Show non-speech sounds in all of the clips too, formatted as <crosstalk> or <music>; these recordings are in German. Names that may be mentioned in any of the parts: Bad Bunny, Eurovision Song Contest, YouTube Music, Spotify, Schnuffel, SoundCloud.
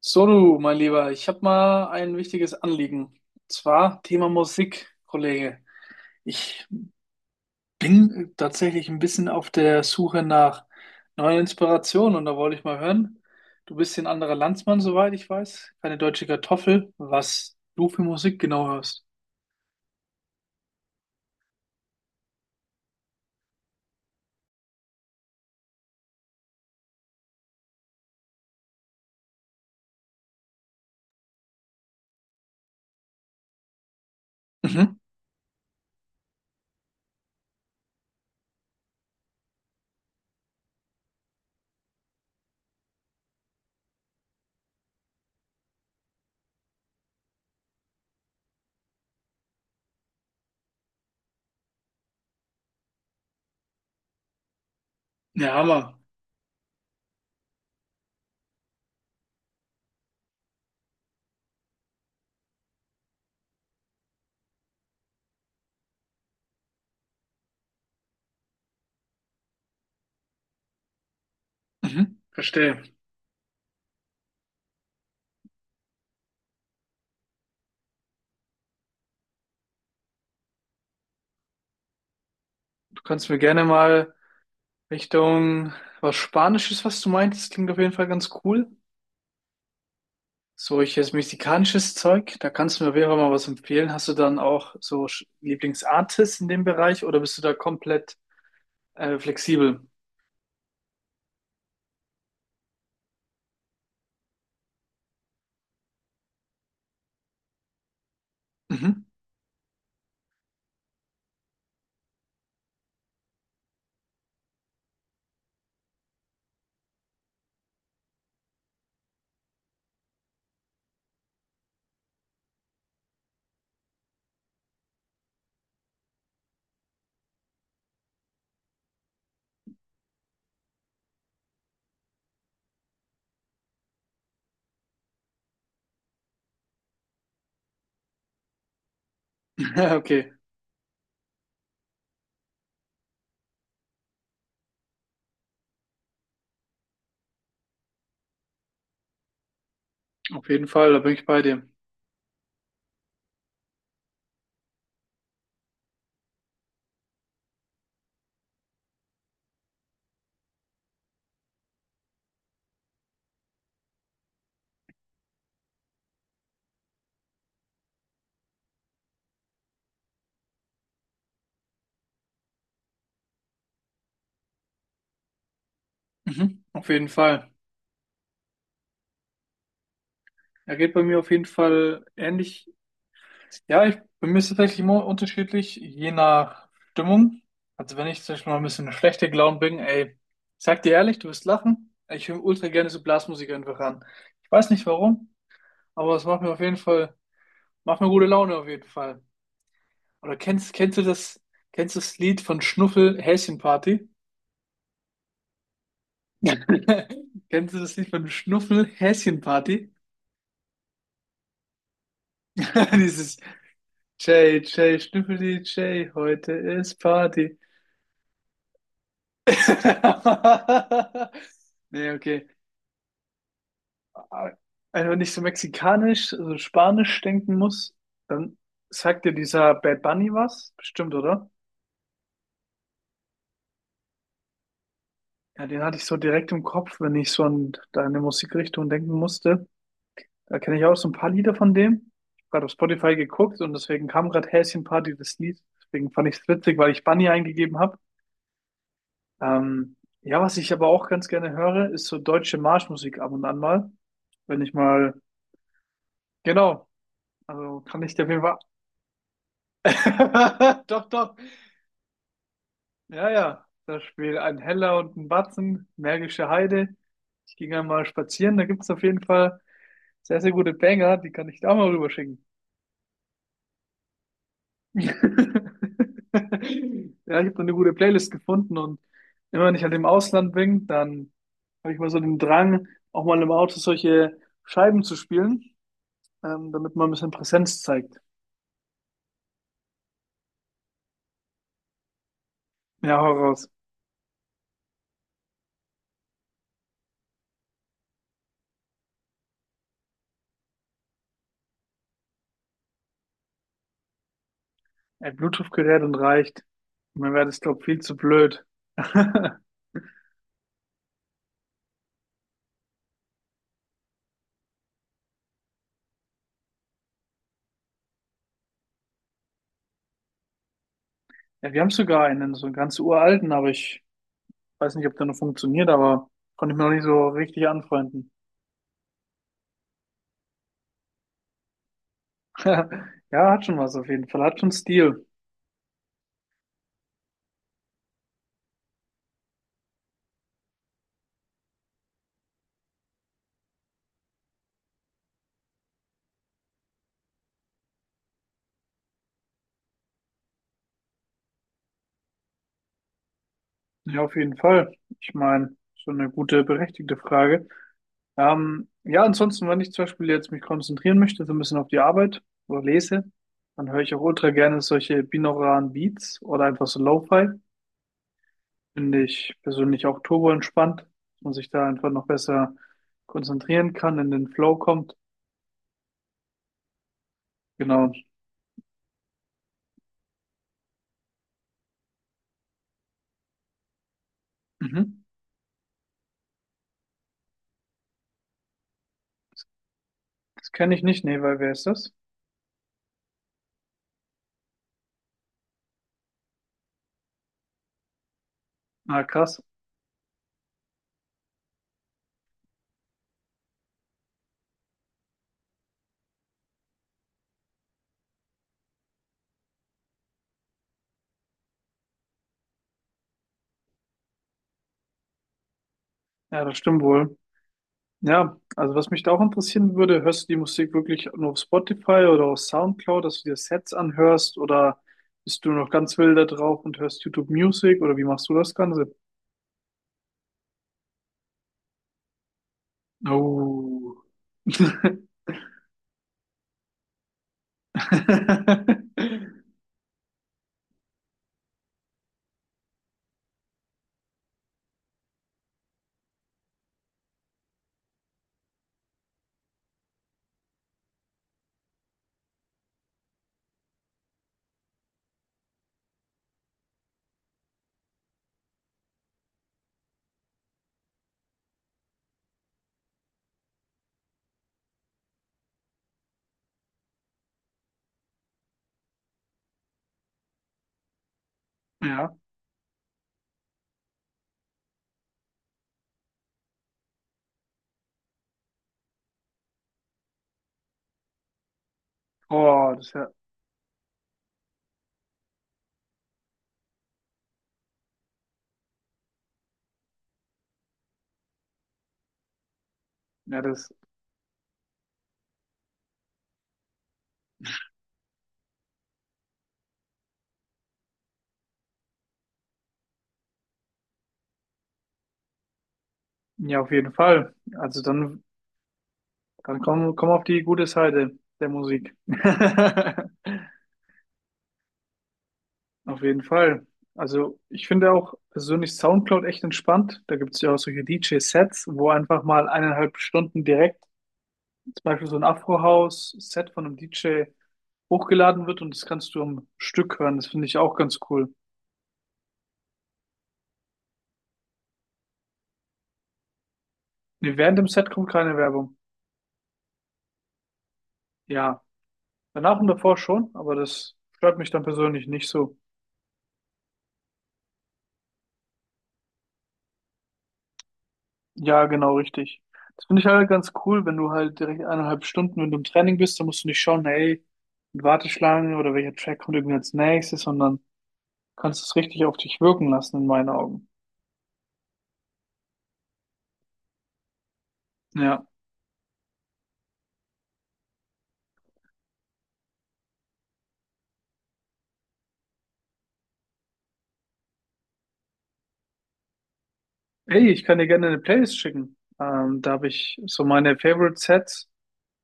So, du, mein Lieber, ich habe mal ein wichtiges Anliegen. Und zwar Thema Musik, Kollege. Ich bin tatsächlich ein bisschen auf der Suche nach neuen Inspirationen und da wollte ich mal hören. Du bist hier ein anderer Landsmann, soweit ich weiß. Keine deutsche Kartoffel. Was du für Musik genau hörst? Mhm. Ja, Hammer. Mhm. Verstehe. Du kannst mir gerne mal Richtung was Spanisches, was du meintest, klingt auf jeden Fall ganz cool. Solches mexikanisches Zeug. Da kannst du mir auf jeden Fall mal was empfehlen. Hast du dann auch so Lieblingsartists in dem Bereich oder bist du da komplett flexibel? Mhm. <laughs> Ja, okay, auf jeden Fall, da bin ich bei dir. Mhm. Auf jeden Fall. Er geht bei mir auf jeden Fall ähnlich. Ja, bei mir ist es tatsächlich immer unterschiedlich, je nach Stimmung. Also wenn ich zum Beispiel mal ein bisschen schlechter gelaunt bin, ey, ich sag dir ehrlich, du wirst lachen. Ich höre ultra gerne so Blasmusik einfach an. Ich weiß nicht warum, aber es macht mir auf jeden Fall. Macht mir gute Laune auf jeden Fall. Oder kennst du das Lied von Schnuffel Häschenparty? <laughs> Kennst du das Lied von Schnuffel Häschenparty? <laughs> Dieses Jay, Jay, Schnüffeli, Jay, heute ist Party. <laughs> Nee, okay. Aber wenn ich so mexikanisch, so spanisch denken muss, dann sagt dir dieser Bad Bunny was? Bestimmt, oder? Ja, den hatte ich so direkt im Kopf, wenn ich so an deine Musikrichtung denken musste. Da kenne ich auch so ein paar Lieder von dem. Ich habe gerade auf Spotify geguckt und deswegen kam gerade Häschen Party das Lied. Deswegen fand ich es witzig, weil ich Bunny eingegeben habe. Ähm, ja, was ich aber auch ganz gerne höre, ist so deutsche Marschmusik ab und an mal. Wenn ich mal, genau, also kann ich dir auf jeden Fall. <laughs> Doch, doch. Ja, ja. Da spielt ein Heller und ein Batzen, Märkische Heide. Ich ging einmal spazieren, da gibt es auf jeden Fall sehr, sehr gute Banger, die kann ich da mal rüberschicken. <laughs> Ja, ich habe eine gute Playlist gefunden und immer wenn ich halt im Ausland bin, dann habe ich mal so den Drang, auch mal im Auto solche Scheiben zu spielen, damit man ein bisschen Präsenz zeigt. Ja, hau raus. Ein Bluetooth-Gerät und reicht. Mir wäre das, glaube ich, viel zu blöd. <laughs> Ja, wir haben sogar einen, so einen ganz uralten, aber ich weiß nicht, ob der noch funktioniert, aber konnte ich mir noch nicht so richtig anfreunden. <laughs> Ja, hat schon was auf jeden Fall, hat schon Stil. Ja, auf jeden Fall. Ich meine, so eine gute, berechtigte Frage. Ja, ansonsten, wenn ich zum Beispiel jetzt mich konzentrieren möchte, so ein bisschen auf die Arbeit oder lese, dann höre ich auch ultra gerne solche binauralen Beats oder einfach so Lo-Fi. Finde ich persönlich auch turbo entspannt, dass man sich da einfach noch besser konzentrieren kann, in den Flow kommt. Genau. Mhm. Das kenne ich nicht. Nee, weil wer ist das? Ah, krass. Ja, das stimmt wohl. Ja, also was mich da auch interessieren würde, hörst du die Musik wirklich nur auf Spotify oder auf SoundCloud, dass du dir Sets anhörst oder bist du noch ganz wild da drauf und hörst YouTube Music oder wie machst du das Ganze? Oh. <laughs> Ja. Oh, das ist ja, ja, das, ja, auf jeden Fall. Also dann, dann komm auf die gute Seite der Musik. <laughs> Auf jeden Fall. Also ich finde auch persönlich SoundCloud echt entspannt. Da gibt es ja auch solche DJ-Sets, wo einfach mal 1,5 Stunden direkt zum Beispiel so ein Afro-House-Set von einem DJ hochgeladen wird und das kannst du am Stück hören. Das finde ich auch ganz cool. Nee, während dem Set kommt keine Werbung. Ja, danach und davor schon, aber das stört mich dann persönlich nicht so. Ja, genau richtig. Das finde ich halt ganz cool, wenn du halt direkt 1,5 Stunden, wenn du im Training bist, dann musst du nicht schauen, hey, Warteschlange oder welcher Track kommt irgendwie als nächstes, sondern kannst es richtig auf dich wirken lassen, in meinen Augen. Ja. Ey, ich kann dir gerne eine Playlist schicken. Da habe ich so meine Favorite Sets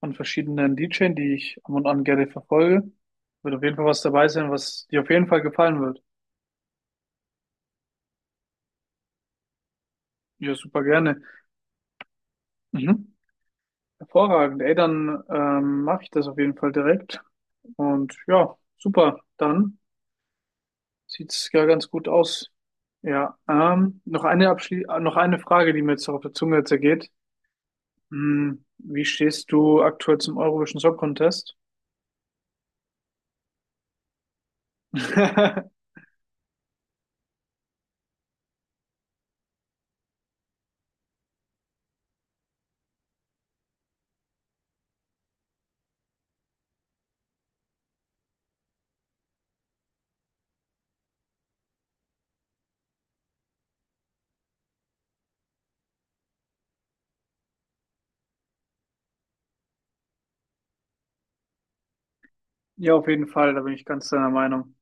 von verschiedenen DJs, die ich ab und an gerne verfolge. Wird auf jeden Fall was dabei sein, was dir auf jeden Fall gefallen wird. Ja, super gerne. Mhm. Hervorragend. Ey, dann mache ich das auf jeden Fall direkt. Und ja, super. Dann sieht's ja ganz gut aus. Ja, noch eine Abschli noch eine Frage, die mir jetzt auf der Zunge zergeht. Hm, wie stehst du aktuell zum Eurovision Song Contest? <laughs> Ja, auf jeden Fall, da bin ich ganz deiner Meinung.